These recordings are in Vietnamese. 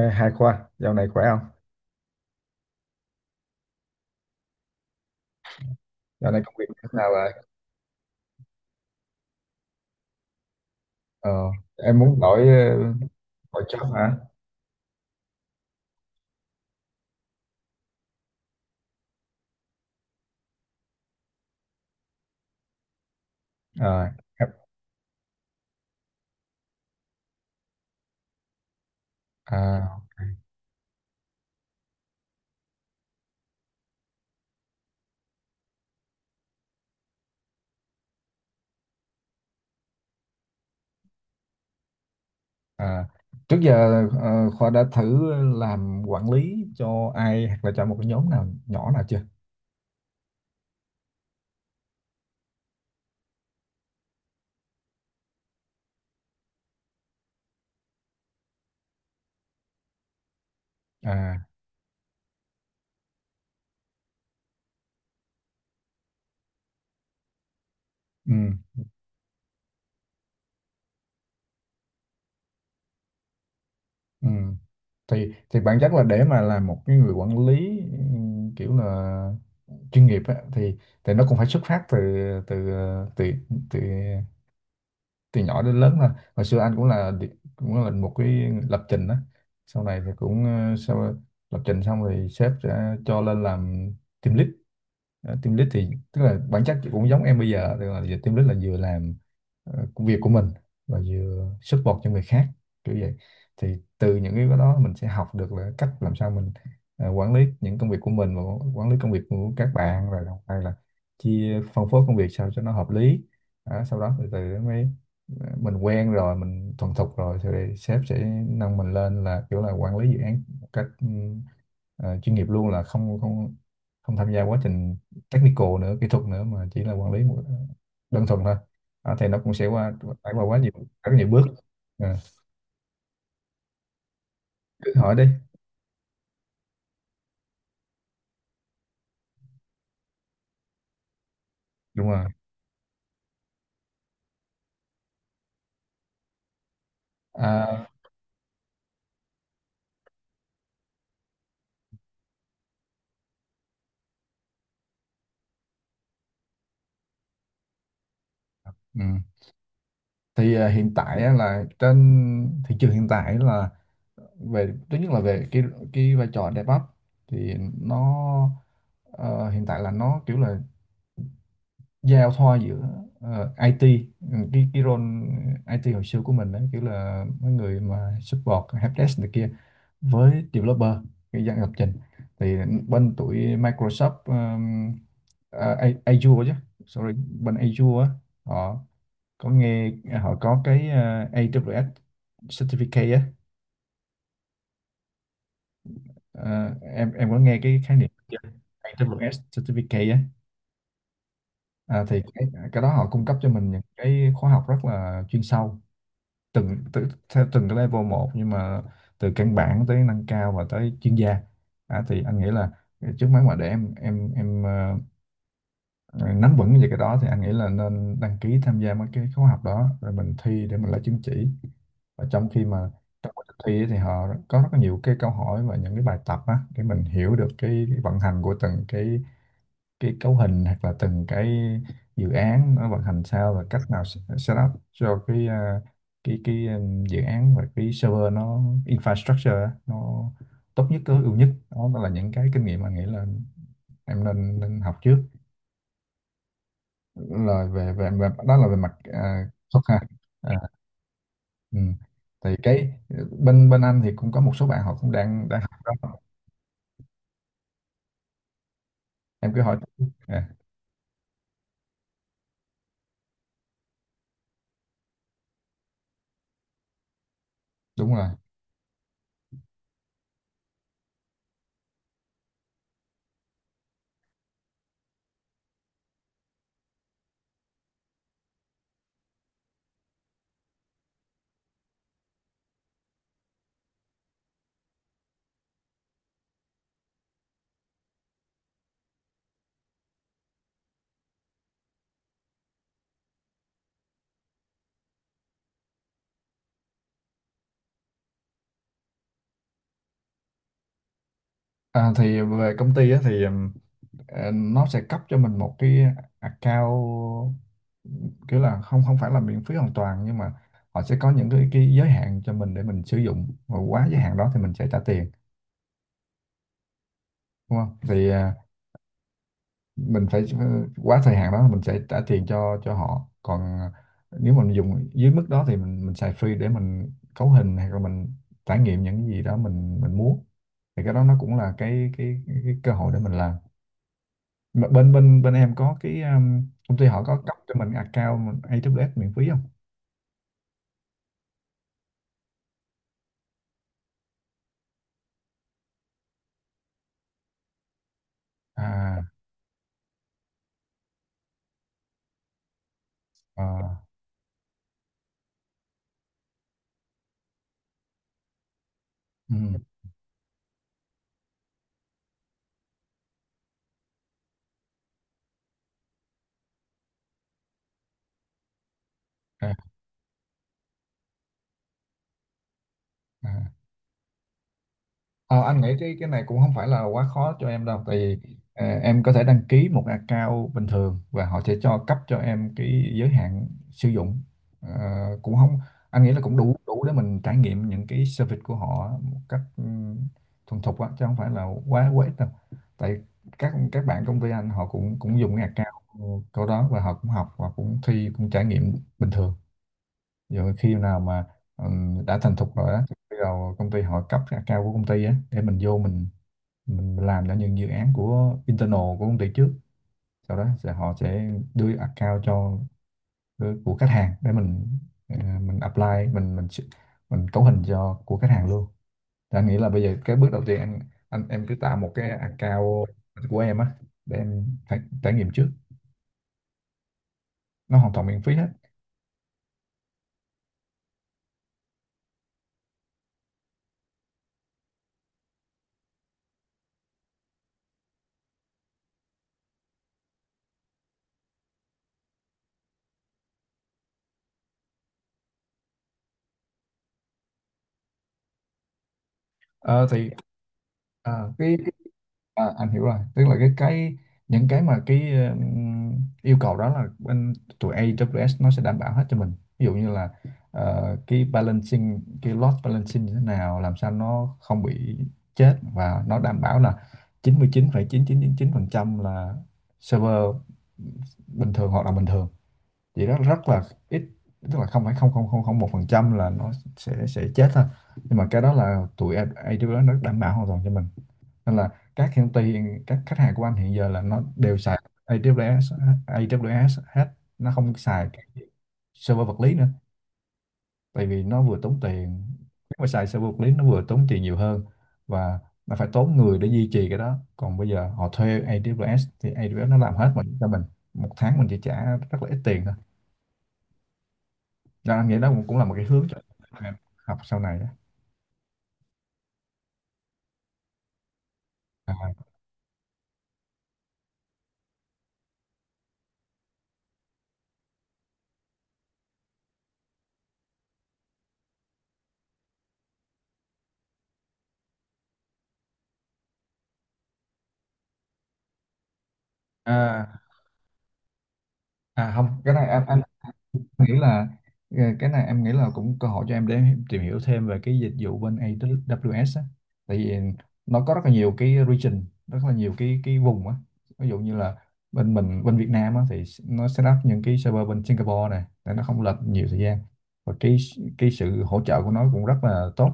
Ê, Hai Khoa, dạo này khỏe không? Dạo này công việc thế nào rồi? Ờ, em muốn đổi đổi job hả? Ờ, em- À, à. Trước giờ Khoa đã thử làm quản lý cho ai hoặc là cho một cái nhóm nào nhỏ nào chưa? À, ừ, ừ. Thì bản chất là để mà làm một cái người quản lý, kiểu là chuyên nghiệp á, thì nó cũng phải xuất phát từ từ ờ, từ từ từ nhỏ đến lớn thôi. Hồi xưa anh cũng là một cái lập trình đó, sau này thì cũng sau lập trình xong thì sếp sẽ cho lên làm team lead. Team lead thì tức là bản chất thì cũng giống em bây giờ, tức là giờ team lead là vừa làm công việc của mình và vừa support cho người khác, kiểu vậy. Thì từ những cái đó mình sẽ học được là cách làm sao mình quản lý những công việc của mình và quản lý công việc của các bạn, rồi đồng thời là chia phân phối công việc sao cho nó hợp lý. Đó, sau đó từ từ mới mình quen rồi, mình thuần thục rồi thì sếp sẽ nâng mình lên là kiểu là quản lý dự án một cách chuyên nghiệp luôn, là không không không tham gia quá trình technical nữa, kỹ thuật nữa, mà chỉ là quản lý một đơn thuần thôi. Thì nó cũng sẽ phải qua quá nhiều rất nhiều bước. Ờ, cứ hỏi đi. Đúng rồi. À, ừ. Thì hiện tại á, là trên thị trường hiện tại là về thứ nhất là về cái vai trò DevOps, thì nó ờ, hiện tại là nó kiểu là giao thoa giữa IT, cái role IT hồi xưa của mình đấy, kiểu là mấy người mà support helpdesk này kia với developer, cái dạng lập trình. Thì bên tụi Microsoft, Azure chứ, sorry, bên Azure á, họ có nghe họ có cái AWS certificate á. Ờ, em có nghe cái khái niệm chưa? AWS certificate á. Thì cái đó họ cung cấp cho mình những cái khóa học rất là chuyên sâu, từng từ, theo từng cái level một, nhưng mà từ căn bản tới nâng cao và tới chuyên gia. Thì anh nghĩ là trước mắt mà để em nắm vững về cái đó thì anh nghĩ là nên đăng ký tham gia mấy cái khóa học đó rồi mình thi để mình lấy chứng chỉ. Và trong khi mà trong quá trình thi ấy thì họ có rất là nhiều cái câu hỏi và những cái bài tập á để mình hiểu được cái vận hành của từng cái cấu hình, hoặc là từng cái dự án nó vận hành sao và cách nào set up cho cái à, cái cái dự án và cái server, nó infrastructure á, nó tốt nhất, tối ưu nhất. Đó, đó là những cái kinh nghiệm mà nghĩ là em nên nên học trước, là về về, về đó, là về mặt thuật, ha? à, ừ. Thì cái bên bên anh thì cũng có một số bạn họ cũng đang đang học. Đó, em cứ hỏi. à, đúng rồi. Thì về công ty á, thì nó sẽ cấp cho mình một cái account, kiểu là không không phải là miễn phí hoàn toàn, nhưng mà họ sẽ có những cái giới hạn cho mình để mình sử dụng, và quá giới hạn đó thì mình sẽ trả tiền, đúng không? Thì mình phải quá thời hạn đó mình sẽ trả tiền cho họ, còn nếu mình dùng dưới mức đó thì mình xài free để mình cấu hình hay là mình trải nghiệm những gì đó mình muốn. Thì cái đó nó cũng là cái cơ hội để mình làm. Mà bên bên bên em có cái công ty họ có cấp cho mình account AWS miễn phí không? À, ờ, ừ, à, à. Ờ, anh nghĩ cái này cũng không phải là quá khó cho em đâu, tại vì em có thể đăng ký một account bình thường và họ sẽ cấp cho em cái giới hạn sử dụng. Ờ, cũng không anh nghĩ là cũng đủ đủ để mình trải nghiệm những cái service của họ một cách thuần thục á, chứ không phải là quá quá ít đâu. Tại các bạn công ty anh họ cũng cũng dùng cái account của đó và họ cũng học và cũng thi, cũng trải nghiệm bình thường. Rồi khi nào mà đã thành thục rồi á thì bây giờ công ty họ cấp cái account của công ty á để mình vô, mình làm cho những dự án của internal của công ty trước, sau đó họ sẽ đưa account cho, đưa của khách hàng để mình mình apply, mình mình ch- mình cấu hình cho của khách hàng luôn. Thì anh nghĩ là bây giờ cái bước đầu tiên anh em cứ tạo một cái account của em á để em trải nghiệm trước, nó hoàn toàn miễn phí hết. Ờ, thì ờ, cái À, anh hiểu rồi, tức là cái những cái mà cái yêu cầu đó là bên tụi AWS nó sẽ đảm bảo hết cho mình. Ví dụ như là cái load balancing như thế nào, làm sao nó không bị chết, và nó đảm bảo là chín mươi chín phẩy chín chín chín chín mươi phẩy phần trăm là server bình thường, hoạt động bình thường, chỉ rất rất là ít, tức là không phải không không không không 1% là nó sẽ chết thôi. Nhưng mà cái đó là tụi AWS nó đảm bảo hoàn toàn cho mình, nên là các công ty, các khách hàng của anh hiện giờ là nó đều xài AWS AWS hết, nó không xài cái server vật lý nữa, tại vì nó vừa tốn tiền. Nếu mà xài server vật lý nó vừa tốn tiền nhiều hơn, và nó phải tốn người để duy trì cái đó, còn bây giờ họ thuê AWS thì AWS nó làm hết mình cho mình, một tháng mình chỉ trả rất là ít tiền thôi. Đó, anh nghĩ đó cũng cũng là một cái hướng cho em học sau này đó. à, à, À, không, cái này anh nghĩ là cái này em nghĩ là cũng cơ hội cho em để em tìm hiểu thêm về cái dịch vụ bên AWS á. Tại vì nó có rất là nhiều cái region, rất là nhiều cái vùng á. Ví dụ như là bên mình, bên Việt Nam á, thì nó set up những cái server bên Singapore này để nó không lệch nhiều thời gian. Và cái sự hỗ trợ của nó cũng rất là tốt.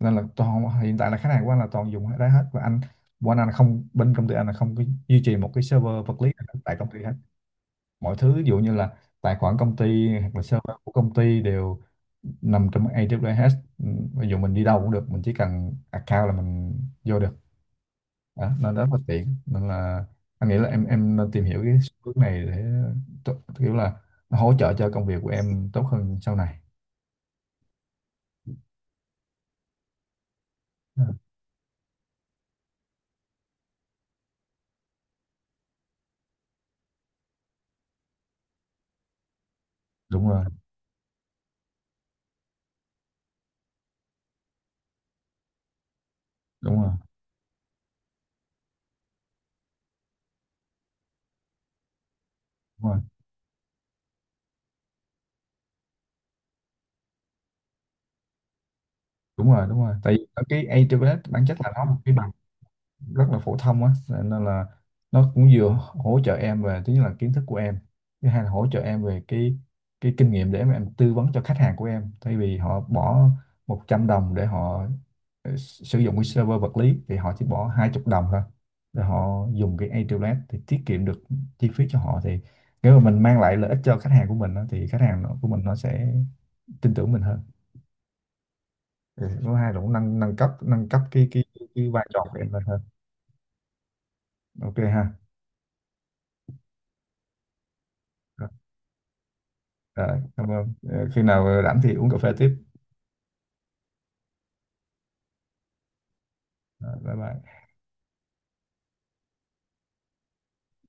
Nên là toàn hiện tại là khách hàng của anh là toàn dùng cái đó hết, và anh, anh là không, bên công ty anh là không có duy trì một cái server vật lý tại công ty hết. Mọi thứ, ví dụ như là tài khoản công ty hoặc là server của công ty, đều nằm trong AWS. Ừ, ví dụ mình đi đâu cũng được, mình chỉ cần account là mình vô được. Đó, nên rất là tiện, nên là anh nghĩ là em nên tìm hiểu cái xu hướng này để kiểu là nó hỗ trợ cho công việc của em tốt hơn sau này. Ừ, đúng rồi, đúng rồi, đúng rồi, đúng rồi, đúng rồi, tại vì ở cái AWS bản chất là nó một cái bằng rất là phổ thông á, nên nên là nó cũng vừa hỗ trợ em, về thứ nhất là kiến thức của em, thứ hai là hỗ trợ em về cái kinh nghiệm để mà em tư vấn cho khách hàng của em, thay vì họ bỏ 100 đồng để họ sử dụng cái server vật lý thì họ chỉ bỏ 20 đồng thôi để họ dùng cái AWS, thì tiết kiệm được chi phí cho họ. Thì nếu mà mình mang lại lợi ích cho khách hàng của mình á, thì khách hàng nó, của mình nó sẽ tin tưởng mình hơn. Ừ, thứ hai là cũng nâng nâng cấp cái vai trò của em lên hơn. OK ha. Rồi, cảm ơn. Ờ, Khi nào rảnh thì uống cà phê tiếp. Rồi, bye bye.